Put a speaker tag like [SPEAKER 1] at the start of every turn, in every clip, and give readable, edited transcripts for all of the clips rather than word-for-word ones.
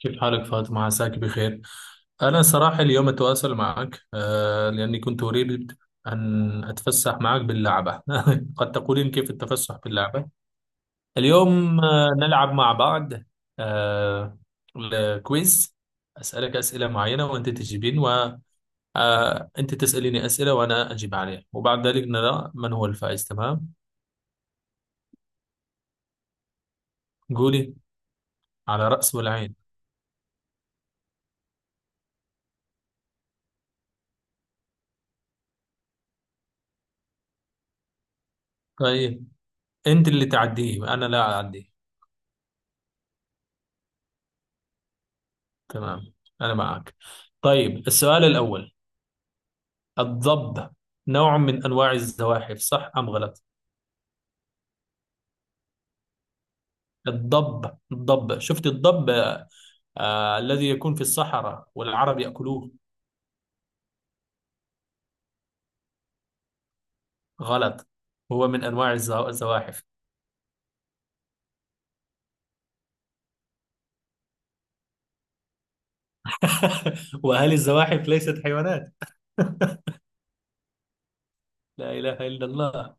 [SPEAKER 1] كيف حالك فاطمة؟ عساك بخير. أنا صراحة اليوم أتواصل معك لأني كنت أريد أن أتفسح معك باللعبة. قد تقولين كيف التفسح باللعبة. اليوم نلعب مع بعض. آه، الكويز. أسألك أسئلة معينة وأنت تجيبين، وأنت تسأليني أسئلة وأنا أجيب عليها، وبعد ذلك نرى من هو الفائز. تمام؟ قولي. على رأس والعين. طيب، أنت اللي تعديه، أنا لا أعديه. تمام، أنا معك. طيب، السؤال الأول: الضب نوع من أنواع الزواحف، صح أم غلط؟ الضب، الضب، شفت الضب؟ الذي يكون في الصحراء والعرب يأكلوه. غلط؟ هو من أنواع الزواحف. وهل الزواحف ليست حيوانات؟ لا إله إلا الله.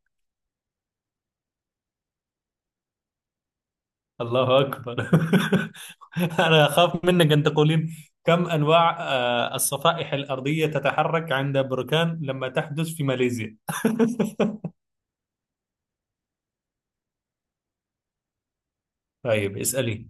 [SPEAKER 1] الله أكبر. أنا أخاف منك أن تقولين: كم أنواع الصفائح الأرضية تتحرك عند بركان لما تحدث في ماليزيا؟ طيب، اسألي.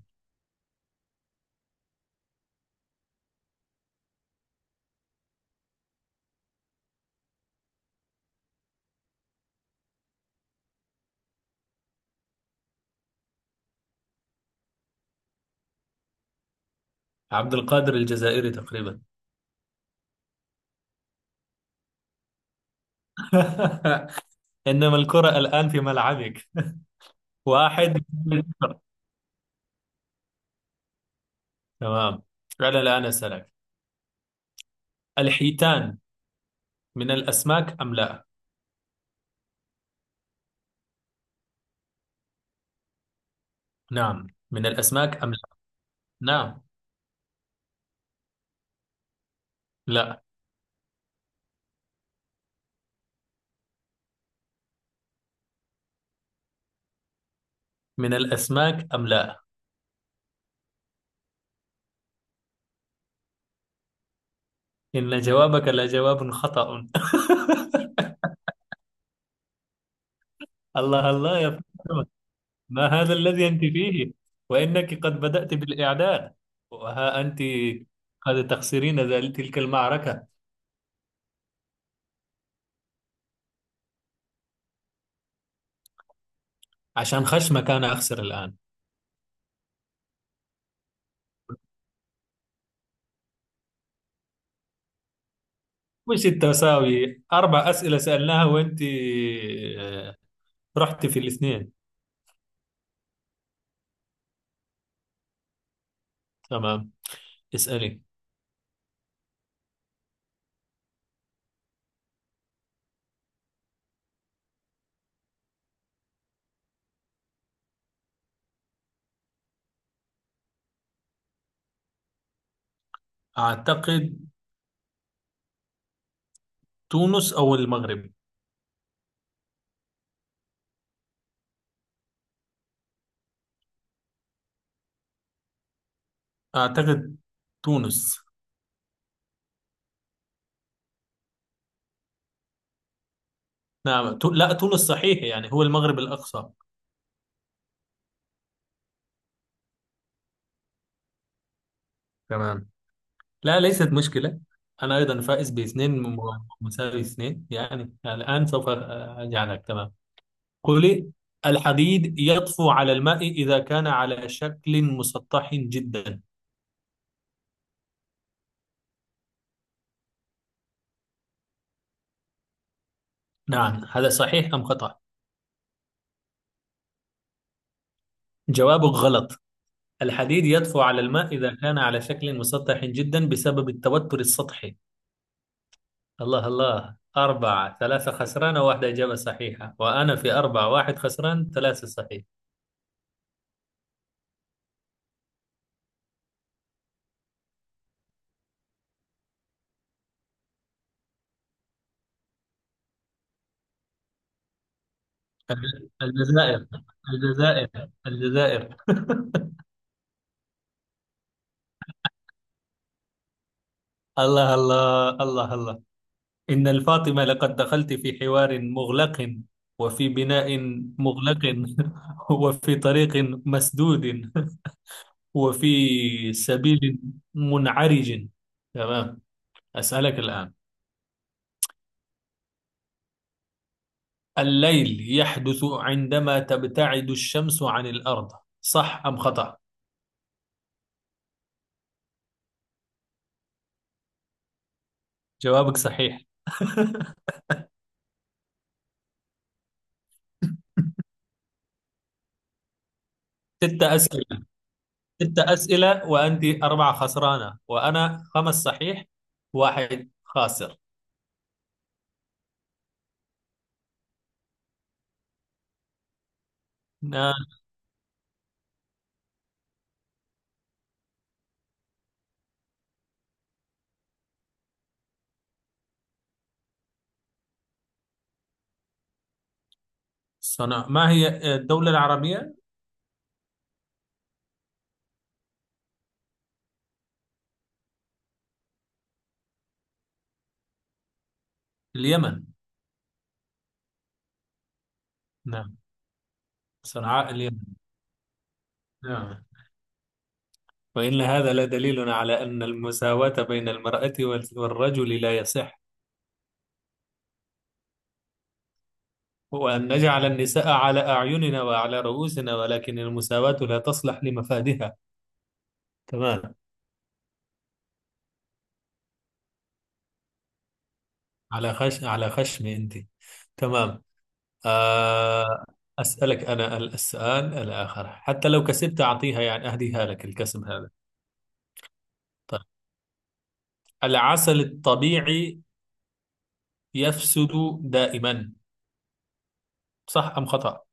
[SPEAKER 1] عبد القادر الجزائري تقريبا. إنما الكرة الآن في ملعبك. 1-0. تمام، أنا الآن أسألك: الحيتان من الأسماك أم لا؟ نعم، من الأسماك أم لا؟ نعم. لا، من الأسماك أم لا؟ إن جوابك لجواب خطأ. الله الله يا فاطمة، ما هذا الذي أنت فيه؟ وإنك قد بدأت بالإعداد، وها أنت قد تخسرين تلك المعركة. عشان خشمك أنا أخسر الآن؟ مش التساوي، أربع أسئلة سألناها وأنت آه، رحت في الاثنين. تمام، اسألي. أعتقد تونس أو المغرب. أعتقد تونس. نعم، لا، تونس صحيح يعني هو المغرب الأقصى. تمام، لا ليست مشكلة. أنا أيضا فائز باثنين، مساوي اثنين يعني الآن، سوف أجعلك. تمام، قولي. الحديد يطفو على الماء إذا كان على شكل مسطح جدا. نعم هذا، صحيح أم خطأ؟ جوابك غلط. الحديد يطفو على الماء إذا كان على شكل مسطح جدا بسبب التوتر السطحي. الله الله، أربعة ثلاثة، خسرانة واحدة إجابة صحيحة، وأنا في أربعة واحد، خسران ثلاثة صحيح. الجزائر، الجزائر، الجزائر. الله الله الله الله، إن الفاطمة لقد دخلت في حوار مغلق، وفي بناء مغلق، وفي طريق مسدود، وفي سبيل منعرج. تمام، أسألك الآن: الليل يحدث عندما تبتعد الشمس عن الأرض، صح أم خطأ؟ جوابك صحيح. ست أسئلة، ست أسئلة، وأنت أربعة خسرانة وأنا خمس صحيح، واحد خاسر. نعم. ما هي الدولة العربية؟ اليمن. نعم. صنعاء اليمن. نعم. وإن هذا لدليل على أن المساواة بين المرأة والرجل لا يصح، وأن نجعل النساء على أعيننا وعلى رؤوسنا، ولكن المساواة لا تصلح لمفادها. تمام. على خشم أنت. تمام. آه أسألك أنا السؤال الآخر، حتى لو كسبت أعطيها يعني أهديها لك، الكسب هذا. طيب، العسل الطبيعي يفسد دائما، صح أم خطأ؟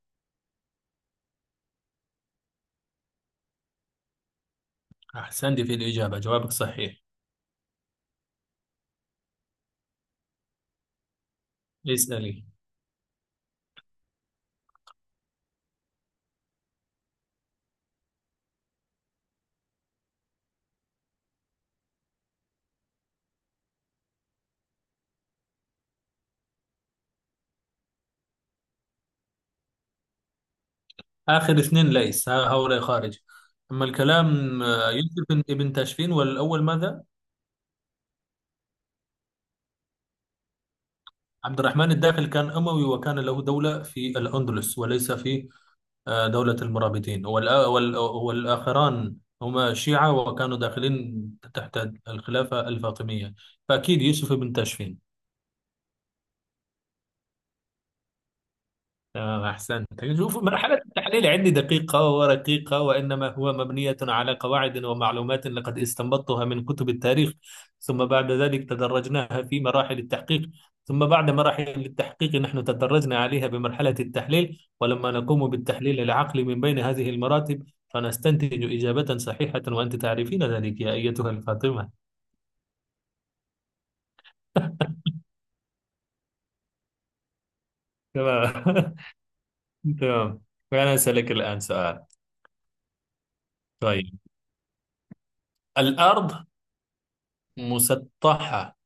[SPEAKER 1] أحسنت في الإجابة، جوابك صحيح. اسألي. آخر اثنين ليس هؤلاء خارج. أما الكلام يوسف ابن تاشفين والأول ماذا؟ عبد الرحمن الداخل كان أموي وكان له دولة في الأندلس، وليس في دولة المرابطين. والآخران هما شيعة وكانوا داخلين تحت الخلافة الفاطمية، فأكيد يوسف بن تاشفين. أحسنت. شوف، مرحلة التحليل عندي دقيقة ورقيقة، وإنما هو مبنية على قواعد ومعلومات لقد استنبطتها من كتب التاريخ، ثم بعد ذلك تدرجناها في مراحل التحقيق، ثم بعد مراحل التحقيق نحن تدرجنا عليها بمرحلة التحليل، ولما نقوم بالتحليل العقلي من بين هذه المراتب فنستنتج إجابة صحيحة، وأنت تعرفين ذلك يا أيتها الفاطمة. تمام. تمام. فأنا أسألك الآن سؤال. طيب، الأرض مسطحة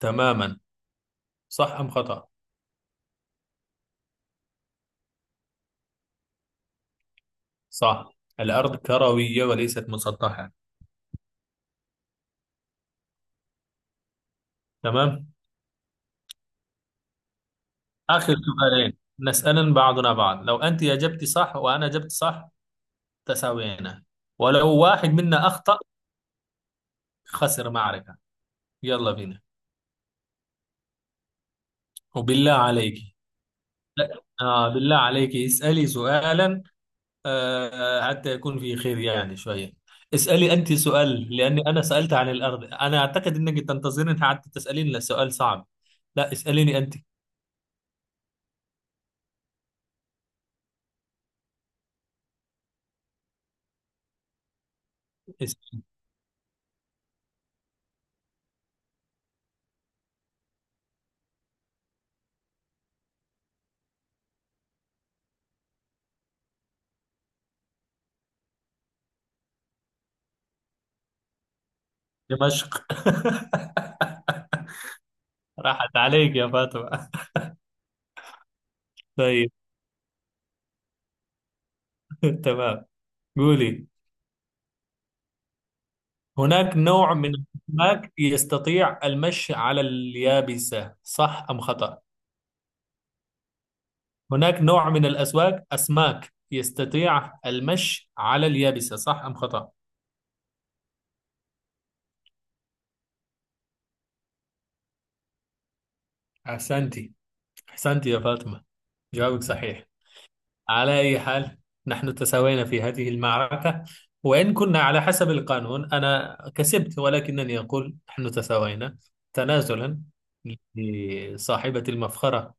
[SPEAKER 1] تماما، صح أم خطأ؟ صح، الأرض كروية وليست مسطحة. تمام. آخر سؤالين نسأل بعضنا بعض، لو أنت أجبت صح وأنا أجبت صح تساوينا، ولو واحد منا أخطأ خسر معركة. يلا بينا، وبالله عليك. لا. بالله عليك اسألي سؤالا. آه حتى يكون في خير يعني شوية. اسألي أنت سؤال، لأني أنا سألت عن الأرض، أنا أعتقد أنك تنتظرين حتى تسألين سؤال صعب. لا، اسأليني أنت. دمشق. راحت عليك يا فاطمة. طيب. تمام، قولي. هناك نوع من الأسماك يستطيع المشي على اليابسة، صح أم خطأ؟ هناك نوع من أسماك يستطيع المشي على اليابسة، صح أم خطأ؟ أحسنتي أحسنتي يا فاطمة، جوابك صحيح. على أي حال، نحن تساوينا في هذه المعركة، وإن كنا على حسب القانون أنا كسبت، ولكنني أقول نحن تساوينا تنازلا لصاحبة المفخرة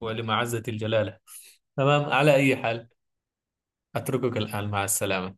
[SPEAKER 1] ولمعزة الجلالة. تمام، على أي حال، أتركك الآن مع السلامة.